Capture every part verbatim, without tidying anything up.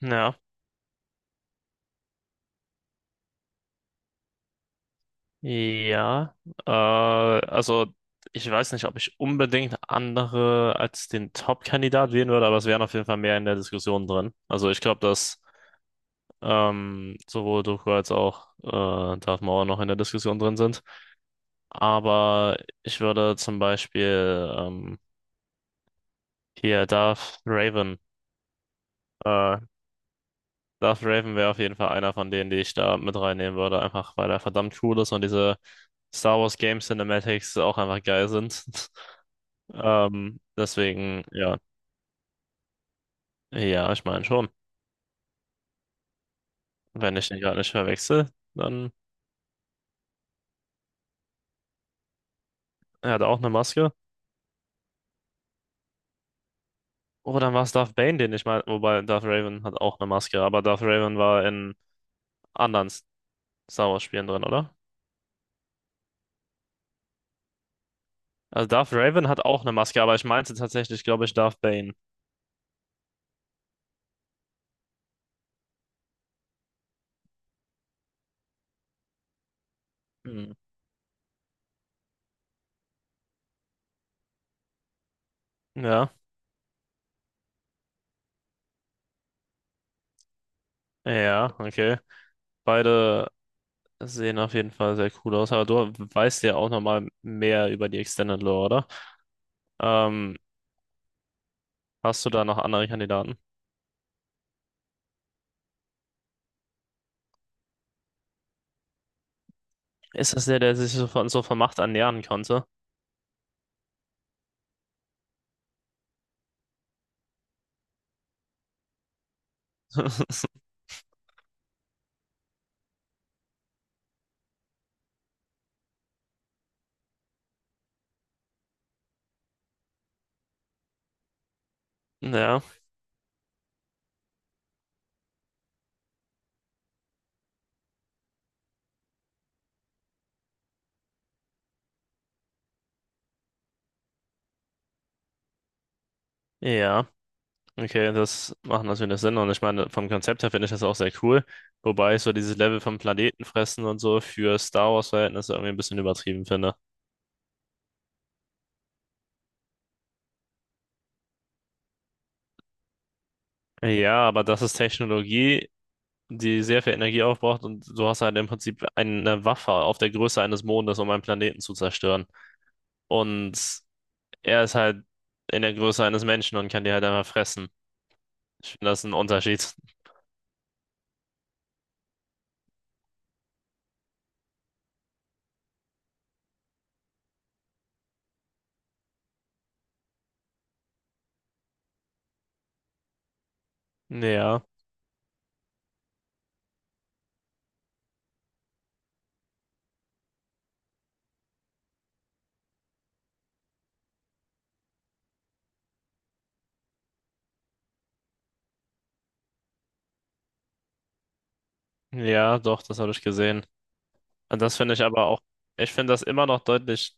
Ja, ja. Äh, also ich weiß nicht, ob ich unbedingt andere als den Top-Kandidat wählen würde, aber es wären auf jeden Fall mehr in der Diskussion drin. Also ich glaube, dass ähm, sowohl Doku als auch äh, Darth Maul noch in der Diskussion drin sind. Aber ich würde zum Beispiel ähm, hier Darth Raven, äh, Darth Raven wäre auf jeden Fall einer von denen, die ich da mit reinnehmen würde, einfach weil er verdammt cool ist und diese Star Wars Game Cinematics auch einfach geil sind. Ähm, deswegen, ja, ja, ich meine schon. Wenn ich den gerade nicht verwechsel, dann er hat auch eine Maske. Oh, dann war es Darth Bane, den ich meine. Wobei Darth Raven hat auch eine Maske, aber Darth Raven war in anderen Star Wars Spielen drin, oder? Also Darth Raven hat auch eine Maske, aber ich meinte tatsächlich, glaube ich, Darth Bane. Hm. Ja, ja, okay. Beide sehen auf jeden Fall sehr cool aus, aber du weißt ja auch nochmal mehr über die Extended Lore, oder? Ähm, Hast du da noch andere Kandidaten? Ist das der, der sich so von, so von Macht ernähren konnte? Ja, ja. Okay, das macht natürlich Sinn. Und ich meine, vom Konzept her finde ich das auch sehr cool. Wobei ich so dieses Level vom Planetenfressen und so für Star Wars-Verhältnisse irgendwie ein bisschen übertrieben finde. Ja, aber das ist Technologie, die sehr viel Energie aufbraucht und du hast halt im Prinzip eine Waffe auf der Größe eines Mondes, um einen Planeten zu zerstören. Und er ist halt in der Größe eines Menschen und kann die halt einfach fressen. Ich finde, das ist ein Unterschied. Ja. Ja, doch, das habe ich gesehen. Und das finde ich aber auch, ich finde das immer noch deutlich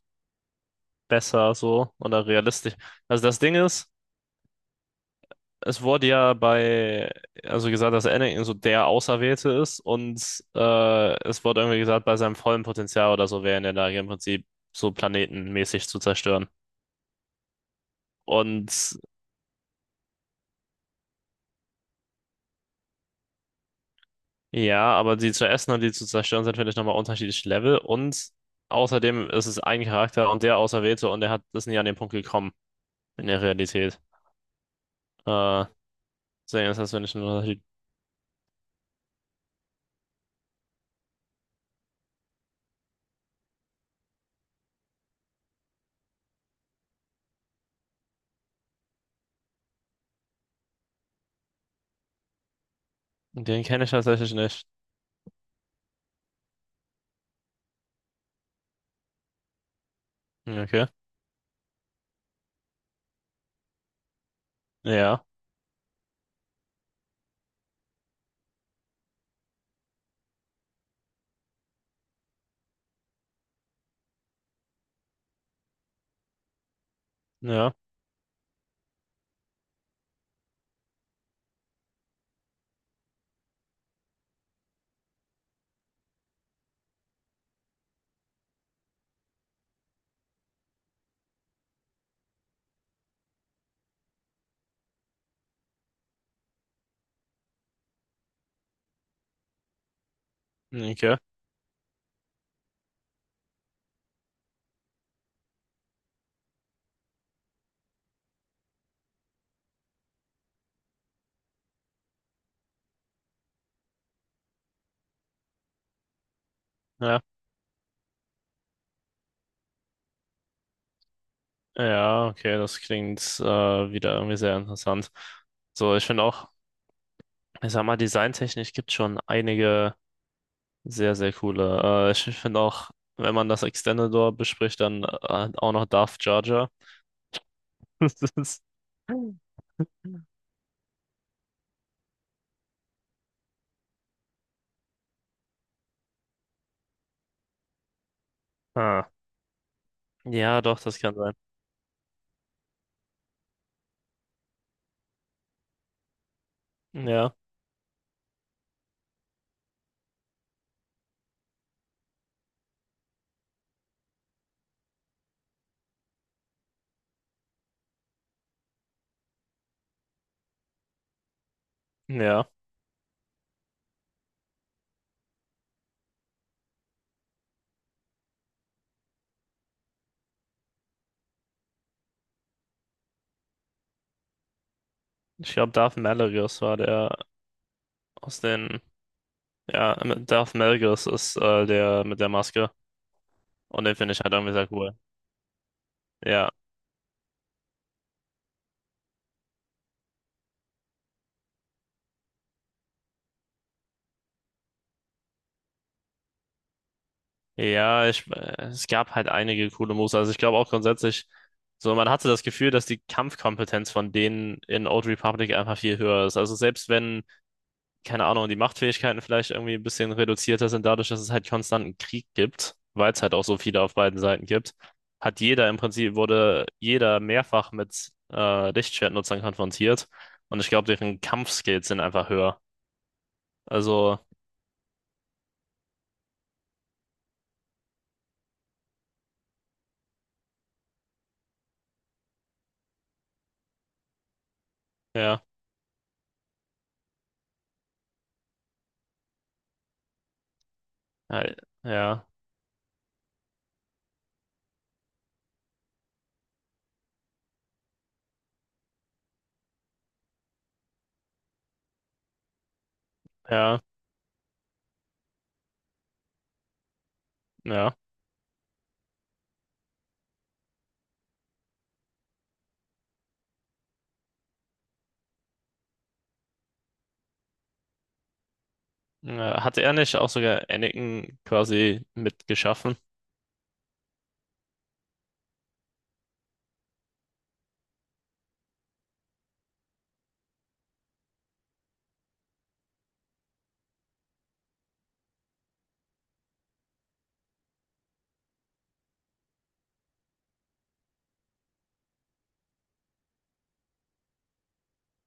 besser so oder realistisch. Also das Ding ist, es wurde ja bei, also gesagt, dass Anakin so der Auserwählte ist und äh, es wurde irgendwie gesagt, bei seinem vollen Potenzial oder so wäre er in der Lage, im Prinzip so planetenmäßig zu zerstören. Und ja, aber die zu essen und die zu zerstören sind, finde ich, nochmal unterschiedliche Level. Und außerdem ist es ein Charakter und der Auserwählte und er hat, ist nie an den Punkt gekommen in der Realität. Äh, Sehr, das heißt, wenn ich nur halt den kenne ich tatsächlich nicht. Ja, okay. Ja, ja, okay. Ja, ja, okay, das klingt äh, wieder irgendwie sehr interessant. So, ich finde auch, ich sag mal, designtechnisch gibt schon einige sehr, sehr coole. Äh, ich finde auch, wenn man das Extendedor bespricht, dann äh, auch noch Darth Jar Jar. Das ist, ah. Ja, doch, das kann sein. Ja, ja. Ich glaube, Darth Malarius war der aus den. Ja, Darth Malgus ist äh, der mit der Maske. Und den finde ich halt irgendwie sehr cool. Ja. Ja, ich, äh, es gab halt einige coole Moves. Also ich glaube auch grundsätzlich, so man hatte das Gefühl, dass die Kampfkompetenz von denen in Old Republic einfach viel höher ist. Also selbst wenn, keine Ahnung, die Machtfähigkeiten vielleicht irgendwie ein bisschen reduzierter sind, dadurch, dass es halt konstanten Krieg gibt, weil es halt auch so viele auf beiden Seiten gibt, hat jeder im Prinzip, wurde jeder mehrfach mit äh, Lichtschwertnutzern konfrontiert. Und ich glaube, deren Kampfskills sind einfach höher. Also, ja, ja, ja, ja. Ja. Äh, Hatte er nicht auch sogar Anakin quasi mitgeschaffen?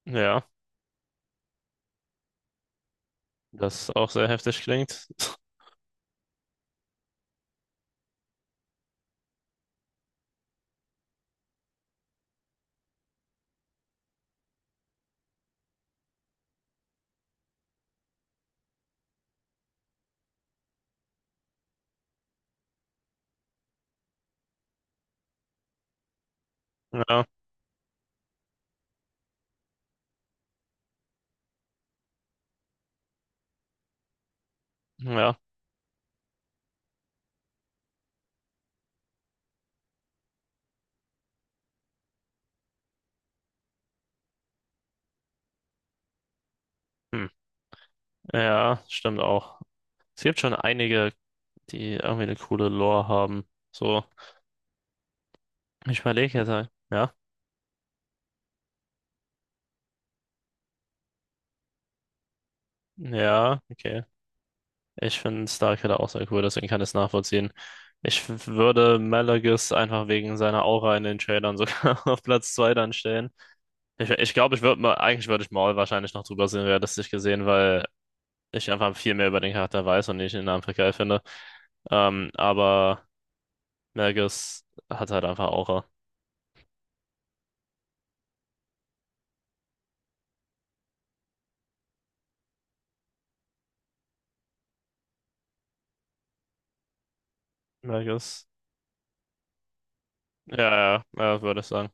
Ja, das auch sehr heftig klingt. Ja, ja, hm. Ja, stimmt auch. Es gibt schon einige, die irgendwie eine coole Lore haben. So, ich überlege jetzt, halt. Ja, ja, okay. Ich finde Star Killer auch sehr cool, deswegen kann ich es nachvollziehen. Ich würde Malagis einfach wegen seiner Aura in den Trailern sogar auf Platz zwei dann stellen. Ich glaube, ich, glaub, ich würde mal, eigentlich würde ich Maul wahrscheinlich noch drüber sehen, realistisch gesehen, weil ich einfach viel mehr über den Charakter weiß und ich ihn einfach geil finde. Ähm, aber Melges hat halt einfach Aura. Melges. Ja, ja, ja, würde ich sagen.